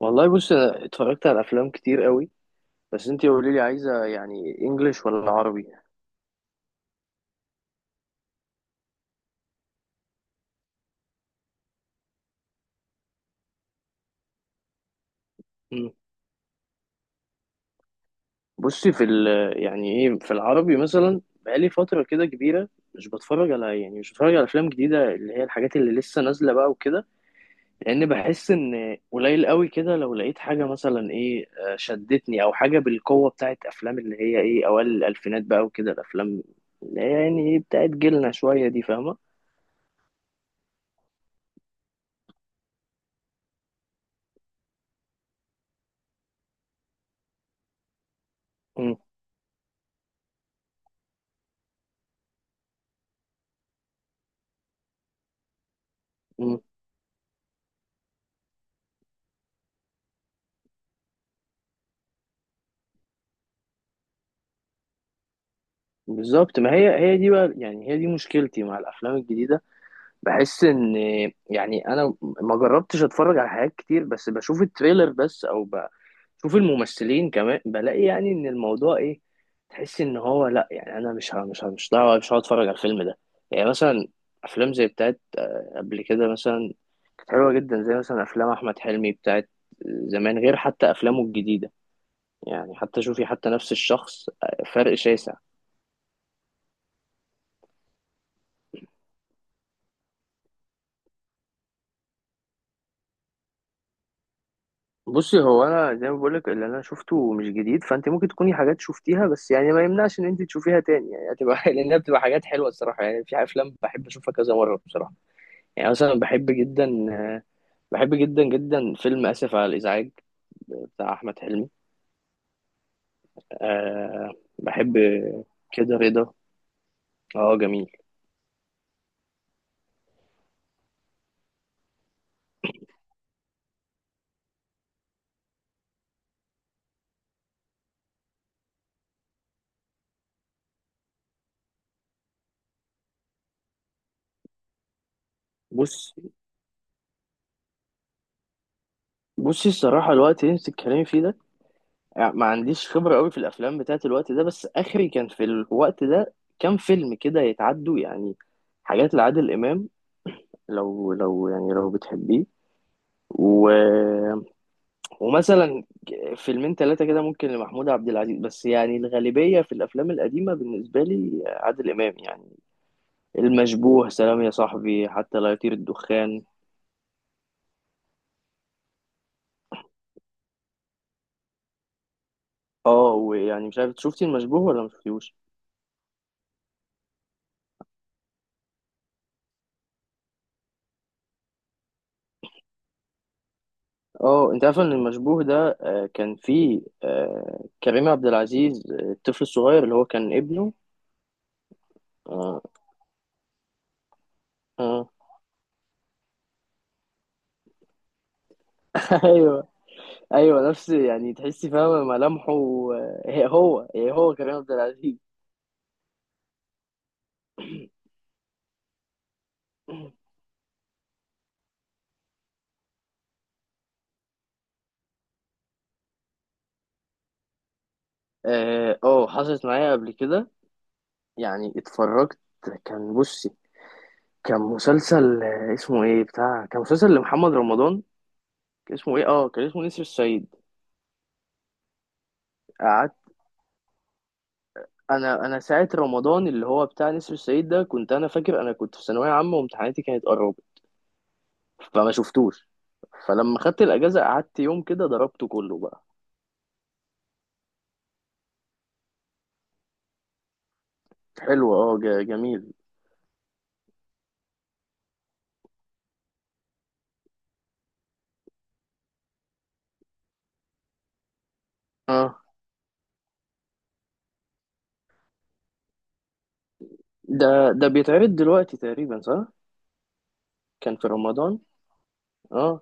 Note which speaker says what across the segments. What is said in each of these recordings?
Speaker 1: والله بص، اتفرجت على افلام كتير قوي. بس انتي قولي لي، عايزه يعني انجليش ولا عربي؟ مم. بصي في ال يعني ايه، في العربي مثلا بقالي فتره كده كبيره مش بتفرج على افلام جديده، اللي هي الحاجات اللي لسه نازله بقى وكده. لان بحس ان قليل قوي كده لو لقيت حاجه مثلا ايه، شدتني او حاجه بالقوه، بتاعت افلام اللي هي ايه اوائل الالفينات بقى وكده الافلام، اللي هي يعني ايه بتاعت جيلنا شويه دي، فاهمه؟ مم. بالظبط، ما هي هي دي بقى، يعني هي دي مشكلتي مع الافلام الجديده. بحس ان يعني انا ما جربتش اتفرج على حاجات كتير، بس بشوف التريلر بس، او بشوف الممثلين كمان بلاقي يعني ان الموضوع ايه. تحس ان هو لا، يعني انا مش دعوه، مش هتفرج على الفيلم ده. يعني مثلا افلام زي بتاعت قبل كده مثلا كانت حلوه جدا، زي مثلا افلام احمد حلمي بتاعت زمان، غير حتى افلامه الجديده يعني. حتى شوفي حتى نفس الشخص، فرق شاسع. بصي هو انا زي ما بقولك، اللي انا شفته مش جديد، فانت ممكن تكوني حاجات شفتيها، بس يعني ما يمنعش ان انت تشوفيها تاني يعني، هتبقى لانها بتبقى حاجات حلوه الصراحه. يعني في افلام بحب اشوفها كذا مره بصراحه. يعني مثلا بحب جدا جدا فيلم اسف على الازعاج بتاع احمد حلمي. أه. بحب كده رضا. اه، جميل. بص بصي الصراحه، الوقت اللي انت بتتكلمي فيه ده، يعني ما عنديش خبرة قوي في الأفلام بتاعت الوقت ده، بس آخري كان في الوقت ده كام فيلم كده يتعدوا يعني. حاجات لعادل إمام، لو بتحبيه، و... ومثلا فيلمين ثلاثة كده ممكن لمحمود عبد العزيز. بس يعني الغالبية في الأفلام القديمة بالنسبة لي عادل إمام يعني، المشبوه، سلام يا صاحبي، حتى لا يطير الدخان. اه، ويعني مش عارف، شفتي المشبوه ولا ما شفتيهوش؟ اه، انت عارف ان المشبوه ده كان فيه كريم عبد العزيز، الطفل الصغير اللي هو كان ابنه. آه. آه. ايوه، ايوه، نفس يعني، تحسي فاهمه ملامحه. هي هو كريم عبد العزيز. اه، حصلت معايا قبل كده. يعني اتفرجت، كان، بصي كان مسلسل، اسمه ايه بتاع، كان مسلسل لمحمد رمضان. كان اسمه ايه، اه، كان اسمه نسر الصعيد. قعدت، انا ساعه رمضان اللي هو بتاع نسر الصعيد ده كنت انا فاكر انا كنت في ثانويه عامه، وامتحاناتي كانت قربت فما شفتوش، فلما خدت الاجازه قعدت يوم كده ضربته كله بقى. حلو، اه، جميل. اه، ده ده بيتعرض دلوقتي تقريبا صح؟ كان في رمضان. اه.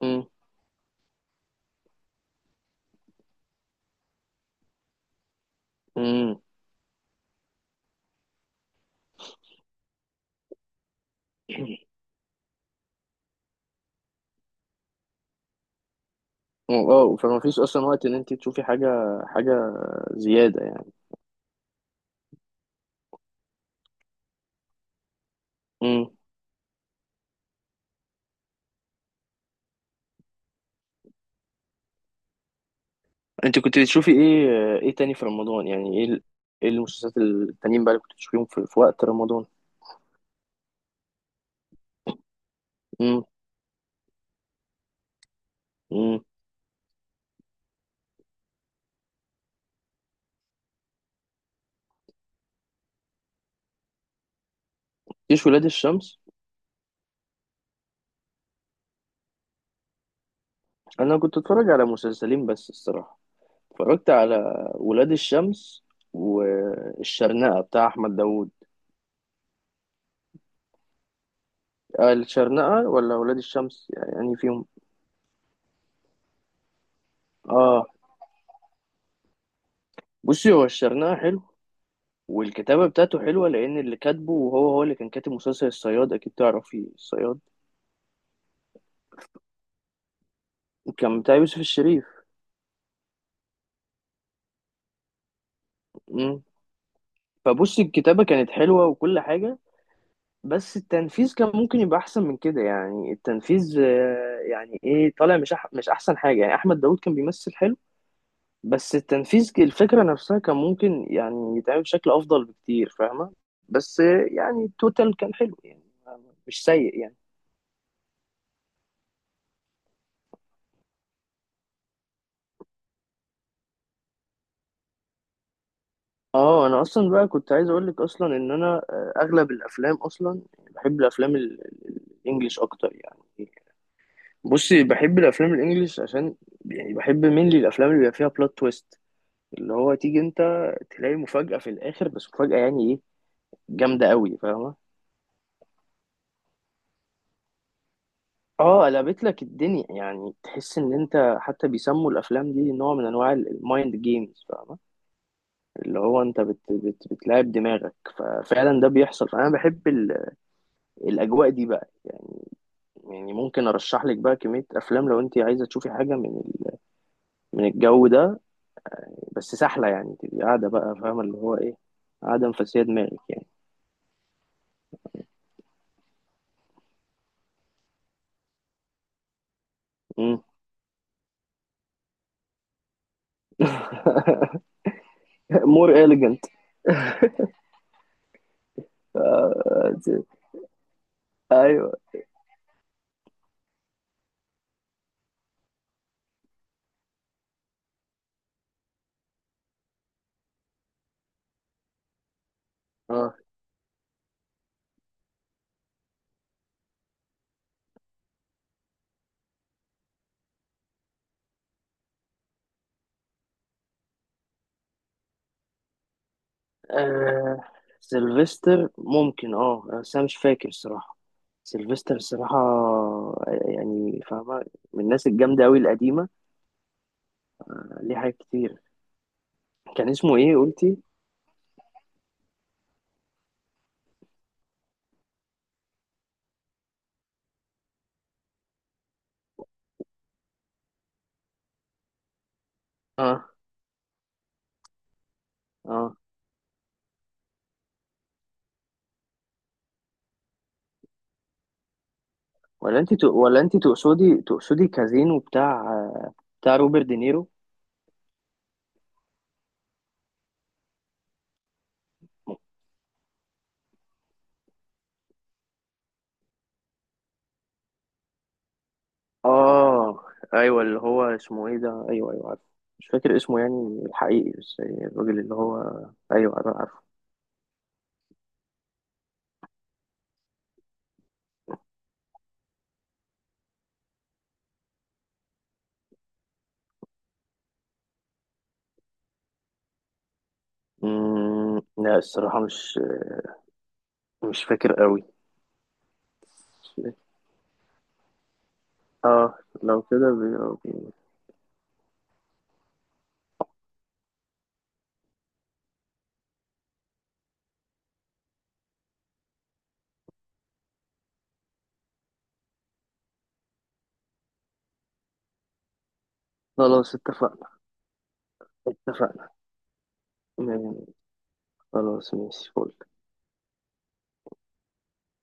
Speaker 1: امم. امم. اه، فما فيش اصلا وقت ان انت تشوفي حاجه، حاجه زياده يعني. امم. انت كنت بتشوفي ايه؟ ايه تاني في رمضان يعني، ايه ايه المسلسلات التانيين بقى اللي كنت بتشوفيهم في وقت رمضان؟ امم. جيش ولاد الشمس. انا كنت اتفرج على مسلسلين بس الصراحه، اتفرجت على ولاد الشمس والشرنقة بتاع احمد داوود. آه، الشرنقة ولا ولاد الشمس؟ يعني فيهم. اه، بصي هو الشرنقة حلو، والكتابة بتاعته حلوة، لأن اللي كاتبه وهو هو اللي كان كاتب مسلسل الصياد، أكيد تعرفي الصياد، كان بتاع يوسف الشريف. مم. فبصي الكتابة كانت حلوة وكل حاجة، بس التنفيذ كان ممكن يبقى احسن من كده يعني. التنفيذ يعني ايه، طالع مش احسن حاجه يعني. احمد داود كان بيمثل حلو، بس التنفيذ الفكره نفسها كان ممكن يعني يتعمل بشكل افضل بكتير، فاهمه؟ بس يعني التوتال كان حلو يعني، مش سيء يعني. اه، انا اصلا بقى كنت عايز اقول لك اصلا ان انا اغلب الافلام، اصلا بحب الافلام الانجليش اكتر يعني. بصي بحب الافلام الانجليش عشان، يعني بحب مين الافلام اللي بيبقى فيها بلوت تويست، اللي هو تيجي انت تلاقي مفاجأة في الاخر، بس مفاجأة يعني ايه، جامدة قوي، فاهمة؟ اه، قلبت لك الدنيا، يعني تحس ان انت، حتى بيسموا الافلام دي نوع من انواع المايند جيمز، فاهمة؟ اللي هو انت بت بت بتلعب دماغك، ففعلا ده بيحصل. فانا بحب الاجواء دي بقى. يعني ممكن ارشح لك بقى كمية افلام لو انت عايزة تشوفي حاجة من الجو ده، بس سهلة يعني، تبقي قاعدة بقى، فاهمة، اللي هو ايه، قاعدة مفسية دماغك يعني. مور إيليجنت. ايوه. اه، آه، سيلفستر ممكن، اه، بس انا مش فاكر الصراحة. سيلفستر الصراحة، يعني فاهمة، من الناس الجامدة أوي القديمة، ليه حاجات كتير. كان اسمه ايه قلتي؟ اه، اه. ولا انت تقصدي كازينو بتاع روبرت دينيرو؟ اه، ايوه، اللي هو اسمه ايه ده، ايوه، ايوه عارف. مش فاكر اسمه يعني الحقيقي، بس الراجل اللي هو، ايوه انا عارفه. لا، الصراحة مش فاكر قوي. اه، لو كده بي- خلاص اتفقنا. اتفقنا يعني، خلاص، ماشي، فل.